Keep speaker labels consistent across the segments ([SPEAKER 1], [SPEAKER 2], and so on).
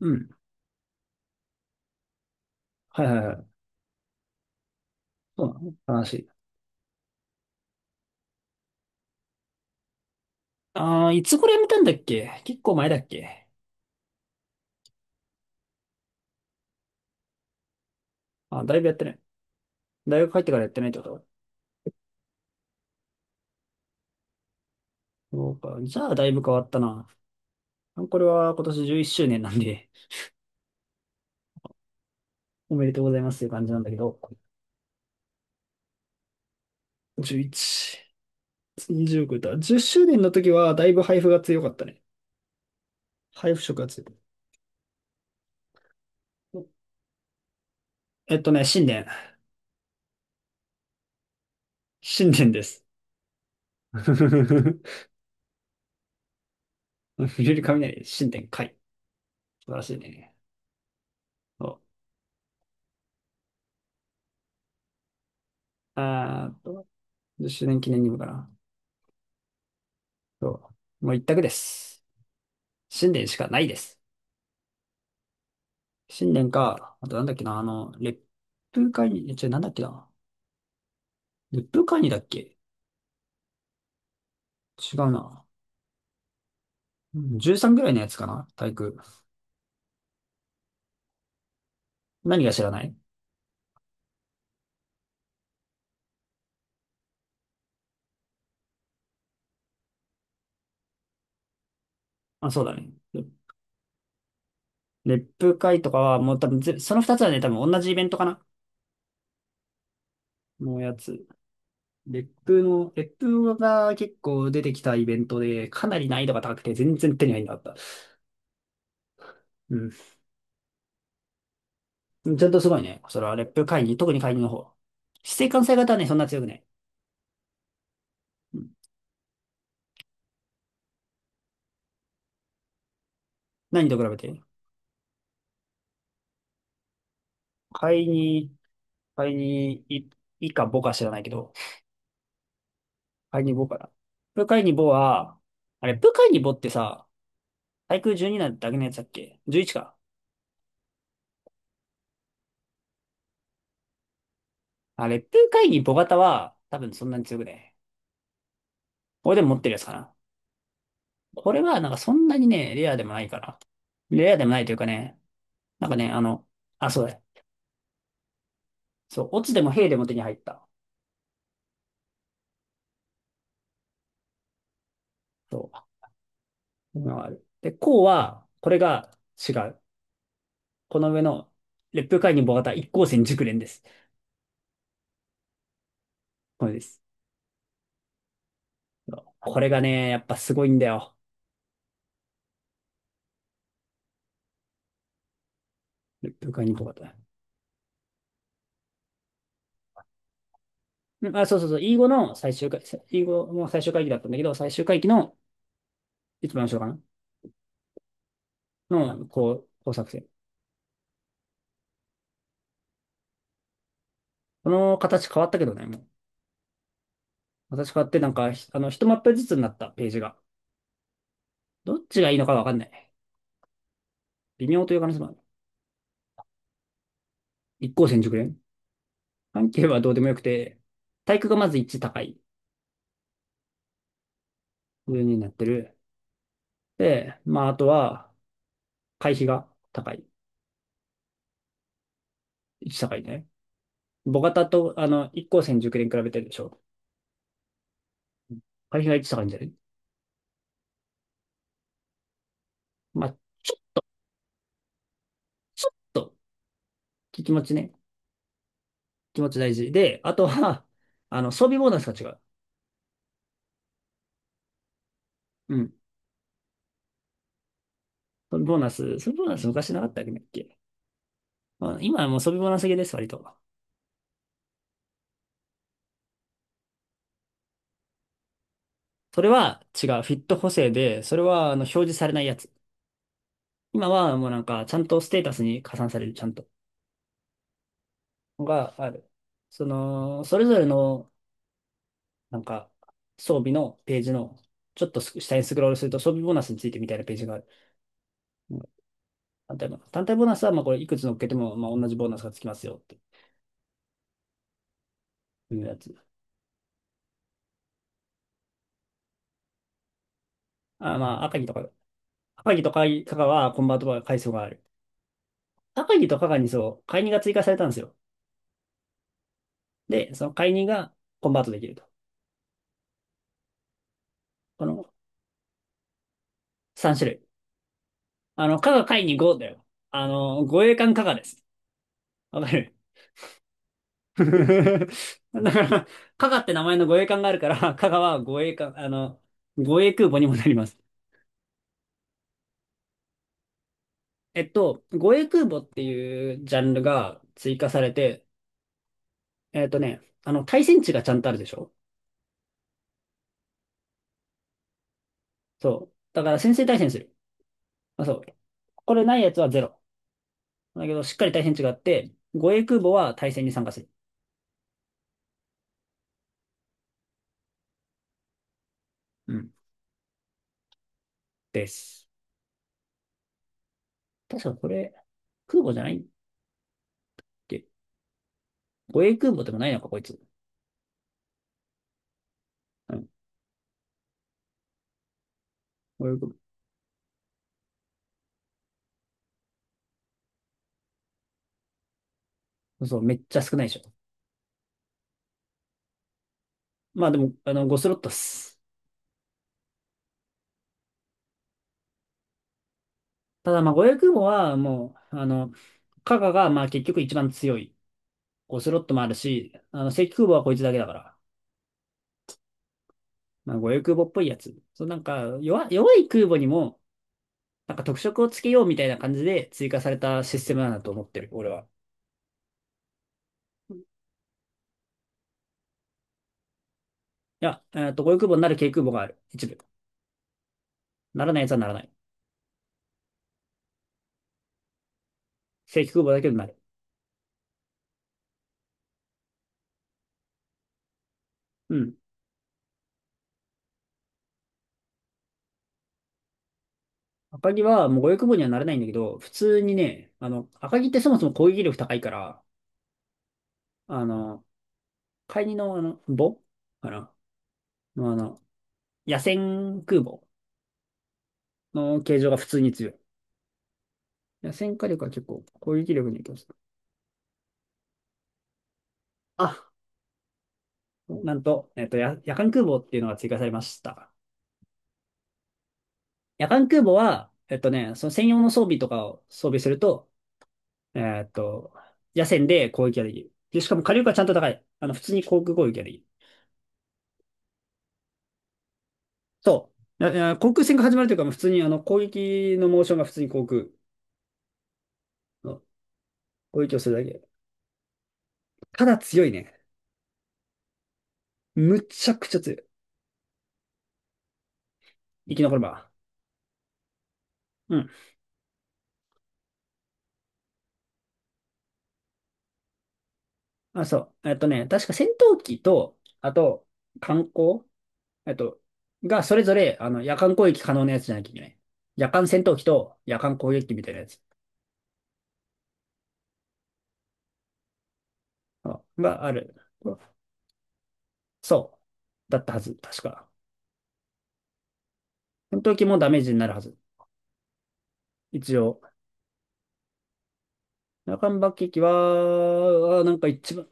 [SPEAKER 1] うん。はいはいはい。そうなの話。ああ、いつ頃やめたんだっけ？結構前だっけ？あー、だいぶやってない。大学入ってからやってないってこと？そうか。じゃあ、だいぶ変わったな。あ、これは今年11周年なんで、おめでとうございますっていう感じなんだけど。11、20超えた。10周年の時は、だいぶ配布が強かったね。配布色が強い。新年。新年です。ふれる雷、新年会。素晴らしいね。そう。あーっと、10周年記念にもかな。そう。もう一択です。新年しかないです。新年か、あとなんだっけな、烈風会議、え、違う、なんだっけな。烈風会議だっけ？違うな。うん、13ぐらいのやつかな。体育。何が知らない？あ、そうだね。烈風会とかはもう多分その二つはね、多分同じイベントかなのやつ。烈風が結構出てきたイベントで、かなり難易度が高くて全然手に入んなかった。うん。ちゃんとすごいね。それは烈風会議、特に会議の方。指定関西型はね、そんな強くない。何と比べて？貝に、貝に、い、いかぼか知らないけど、貝にぼかな。ブカイにぼは、あれ、ブカイにぼってさ、対空12なだけのやつだっけ？ 11 か。あれ、ブカイにぼ型は、多分そんなに強くね。俺でも持ってるやつかな。これは、なんかそんなにね、レアでもないから。レアでもないというかね、なんかね、あ、そうだ。そう、オツでもヘイでも手に入った。そう。今はある。で、こうは、これが違う。この上の、レップイにボ型一光線熟練です。そうです。これがね、やっぱすごいんだよ。部会にとかと。うん、あ、そうそうそう。英語の最終回、英語も最終会帰だったんだけど、最終回帰の一番後ろかなの、こう作戦。この形変わったけどね、もう。形変わってなんか、ひあの、一マップずつになったページが。どっちがいいのかわかんない。微妙という可能性もある。一向戦熟練。関係はどうでもよくて、体育がまず1高い。上になってる。で、まあ、あとは、会費が高い。1高いね。母型と、一光線熟練比べてるでしょ。会費が一高いんじゃない？まあ、ちょ、ちょっと、気持ちね。気持ち大事。で、あとは、装備ボーナスが違う。うん。装備ボーナス昔なかったっけ、まあ、今はもう装備ボーナス系です、割と。それは違う。フィット補正で、それは、表示されないやつ。今はもうなんか、ちゃんとステータスに加算される、ちゃんと。がある。その、それぞれの、なんか、装備のページの、ちょっと下にスクロールすると装備ボーナスについてみたいなページがある。単体ボーナス。単体ボーナスは、まあ、これ、いくつ乗っけても、まあ、同じボーナスがつきますよ、っていうやつ。あ、まあ、赤城とか加賀は、コンバートが階層がある。赤城と加賀にそう、買い任が追加されたんですよ。で、その買い任がコンバートできると。この3種類。加賀解任5だよ。護衛艦加賀です。わかる？ だから、加賀って名前の護衛艦があるから、加賀は護衛艦、護衛空母にもなります。護衛空母っていうジャンルが追加されて、対戦値がちゃんとあるでしょ？そう。だから先制対戦する。まあ、そう。これないやつはゼロ。だけど、しっかり対戦値があって、護衛空母は対戦に参加する。うん。です。確かこれ、空母じゃないっけ？護衛空母でもないのか、こいつ。うん。護衛空母。そう、めっちゃ少ないでしょ。まあでも、5スロットっす。ただ、まあ、護衛空母はもう、カガが、まあ結局一番強い。5スロットもあるし、正規空母はこいつだけだから。まあ、護衛空母っぽいやつ。そう、なんか、弱い空母にも、なんか特色をつけようみたいな感じで追加されたシステムなんだと思ってる、俺は。いや、ゴイ空母になる軽空母がある。一部。ならないやつはならない。正規空母だけどなる。うん。赤城はもう護衛空母にはなれないんだけど、普通にね、赤城ってそもそも攻撃力高いから、あの、海二の母かなの野戦空母の形状が普通に強い。野戦火力は結構攻撃力に影響する。あ、なんと、夜間空母っていうのが追加されました。夜間空母は、その専用の装備とかを装備すると、えっと、夜戦で攻撃ができる。で、しかも火力がちゃんと高い。普通に航空攻撃ができる。そう。ああ、航空戦が始まるというか、もう普通に攻撃のモーションが普通に航空の攻撃をするだけ。ただ強いね。むちゃくちゃ強い。生き残れば。うん。あ、そう。確か戦闘機と、あと、艦砲、えっと、がそれぞれ、夜間攻撃可能なやつじゃなきゃいけない。夜間戦闘機と夜間攻撃機みたいなやつ。あがある。そう。だったはず。確か。戦闘機もダメージになるはず。一応。中間爆撃は、あ、なんか一番、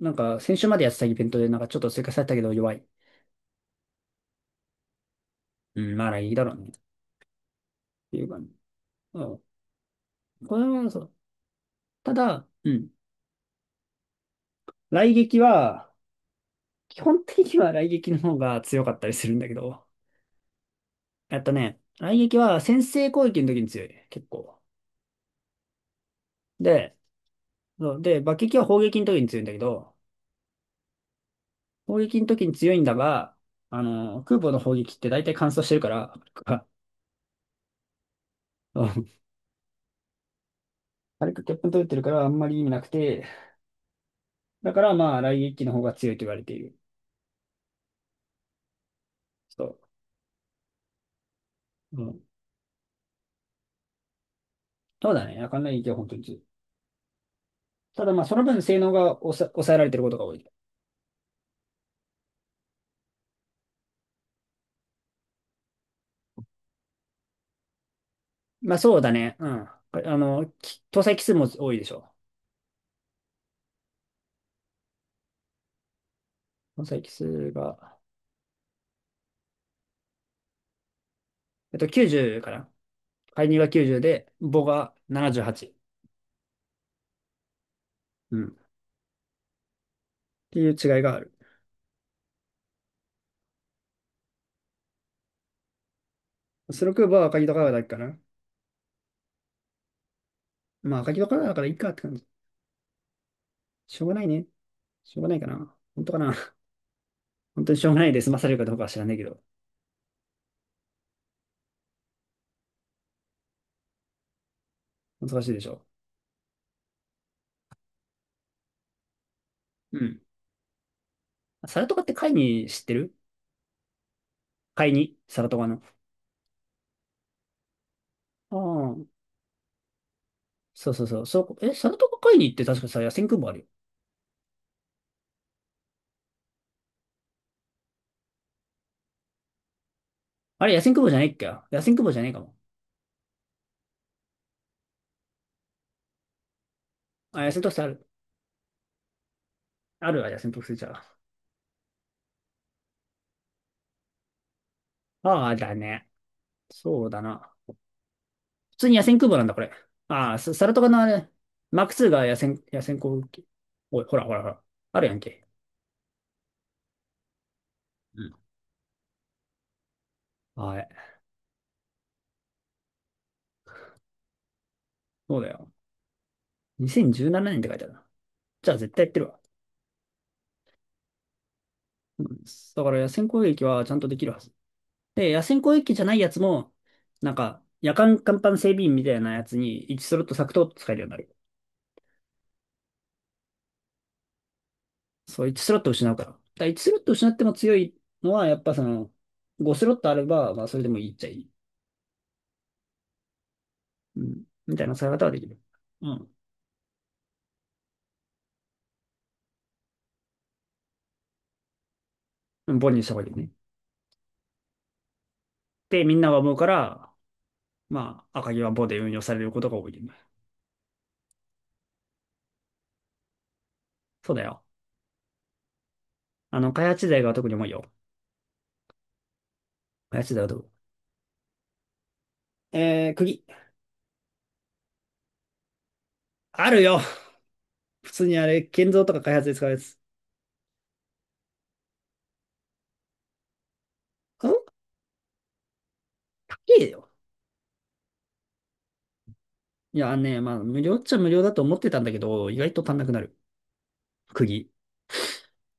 [SPEAKER 1] なんか先週までやってたイベントでなんかちょっと追加されたけど弱い。うん、まあいいだろうね。っていう感じ。うん。これはそう。ただ、うん。雷撃は、基本的には雷撃の方が強かったりするんだけど、雷撃は先制攻撃の時に強い。結構。で、そうで、爆撃は砲撃の時に強いんだけど、砲撃の時に強いんだが、空母の砲撃って大体乾燥してるから、うん、軽く欠粉取れてるからあんまり意味なくて、だからまあ、雷撃機の方が強いと言われている。そう、うん。そうだね。あかんない撃は本当に強い。ただまあ、その分性能が抑えられてることが多い。まあ、そうだね。うん。搭載機数も多いでしょ。搭載機数が、90かな。介入が90で、母が78。うん。っていう違いがある。スロークーバーは赤木と川だけかな。まあ、赤木と川だからいいかって感じ。しょうがないね。しょうがないかな。本当かな。本当にしょうがないで済まされるかどうかは知らないけど。難しいでしょ。うん。サラトカって会に知ってる？会にサラトカの。ああ。そうそうそう。そう、え、サラトカ会にって確かさ、野戦空母あるよ。あれ、野戦空母じゃないっけ？野戦空母じゃないかも。あ、野戦特性ある。あるわ、野戦特性じゃあ。ああ、だね。そうだな。普通に野戦空母なんだ、これ。ああ、サラトカのあれ、マーク2が野戦航空機。おい、ほらほらほら。あるやんけ。うん。はい。そうだよ。2017年って書いてあるな。じゃあ絶対やってるわ。うん、だから野戦攻撃はちゃんとできるはず。で、野戦攻撃じゃないやつも、なんか、夜間甲板整備員みたいなやつに1スロット削と使えるようになる。そう、1スロット失うから。だから1スロット失っても強いのは、やっぱその、5スロットあれば、まあそれでもいいっちゃいい。うん。みたいな使い方はできる。うん。うん、ボンにした方がいいよね。で、みんなが思うから、まあ、赤城はボで運用されることが多いよね。そうだよ。開発時代が特に重いよ。開発時代はどう？釘。あるよ。普通にあれ、建造とか開発で使うやつ。ん。高えよ。いや、あのね、まあ、無料っちゃ無料だと思ってたんだけど、意外と足んなくなる。釘。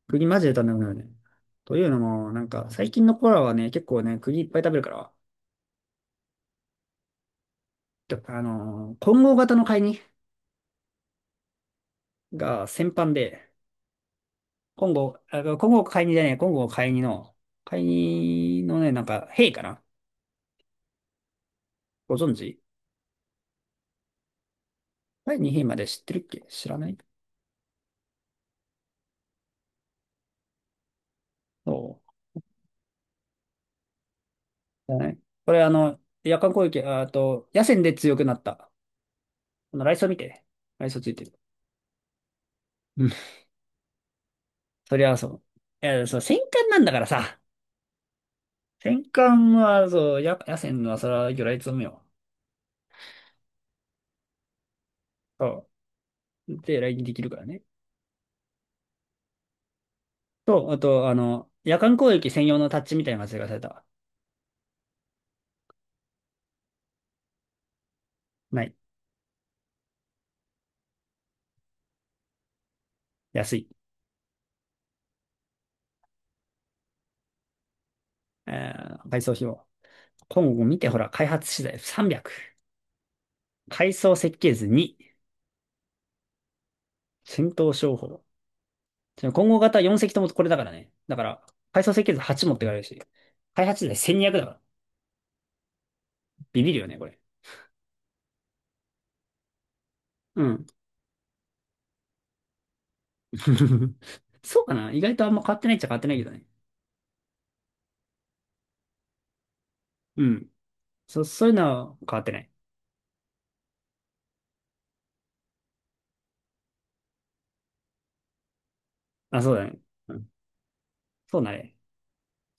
[SPEAKER 1] 釘マジで足んなくなるね。というのも、なんか、最近の子らはね、結構ね、釘いっぱい食べるから、て混合型の買いにが先般で、混合、あ、混合買いにじゃねえ、混合買いにの、買いにのね、なんか、兵かな？ご存知？第に兵まで知ってるっけ？知らない？そう。知らない？これ、夜間攻撃、ああと、野戦で強くなった。このライソ見てね。ライソついてる。うん。そりゃそう。いや、そう、戦艦なんだからさ。戦艦は、そう、野戦は、それは魚雷積むよ。そう。で、雷撃できるからね。と、あと、夜間攻撃専用のタッチみたいなのがされたわ。ない。安い。え配送費用。今後見て、ほら、開発資材300。階装設計図2。戦闘商法。今後型4隻ともこれだからね。だから、階装設計図8持ってかれるし。開発資材1200だから。ビビるよね、これ。うん。そうかな、意外とあんま変わってないっちゃ変わってないけどね。うん。そういうのは変わってない。あ、そうだね。うん。そうだね。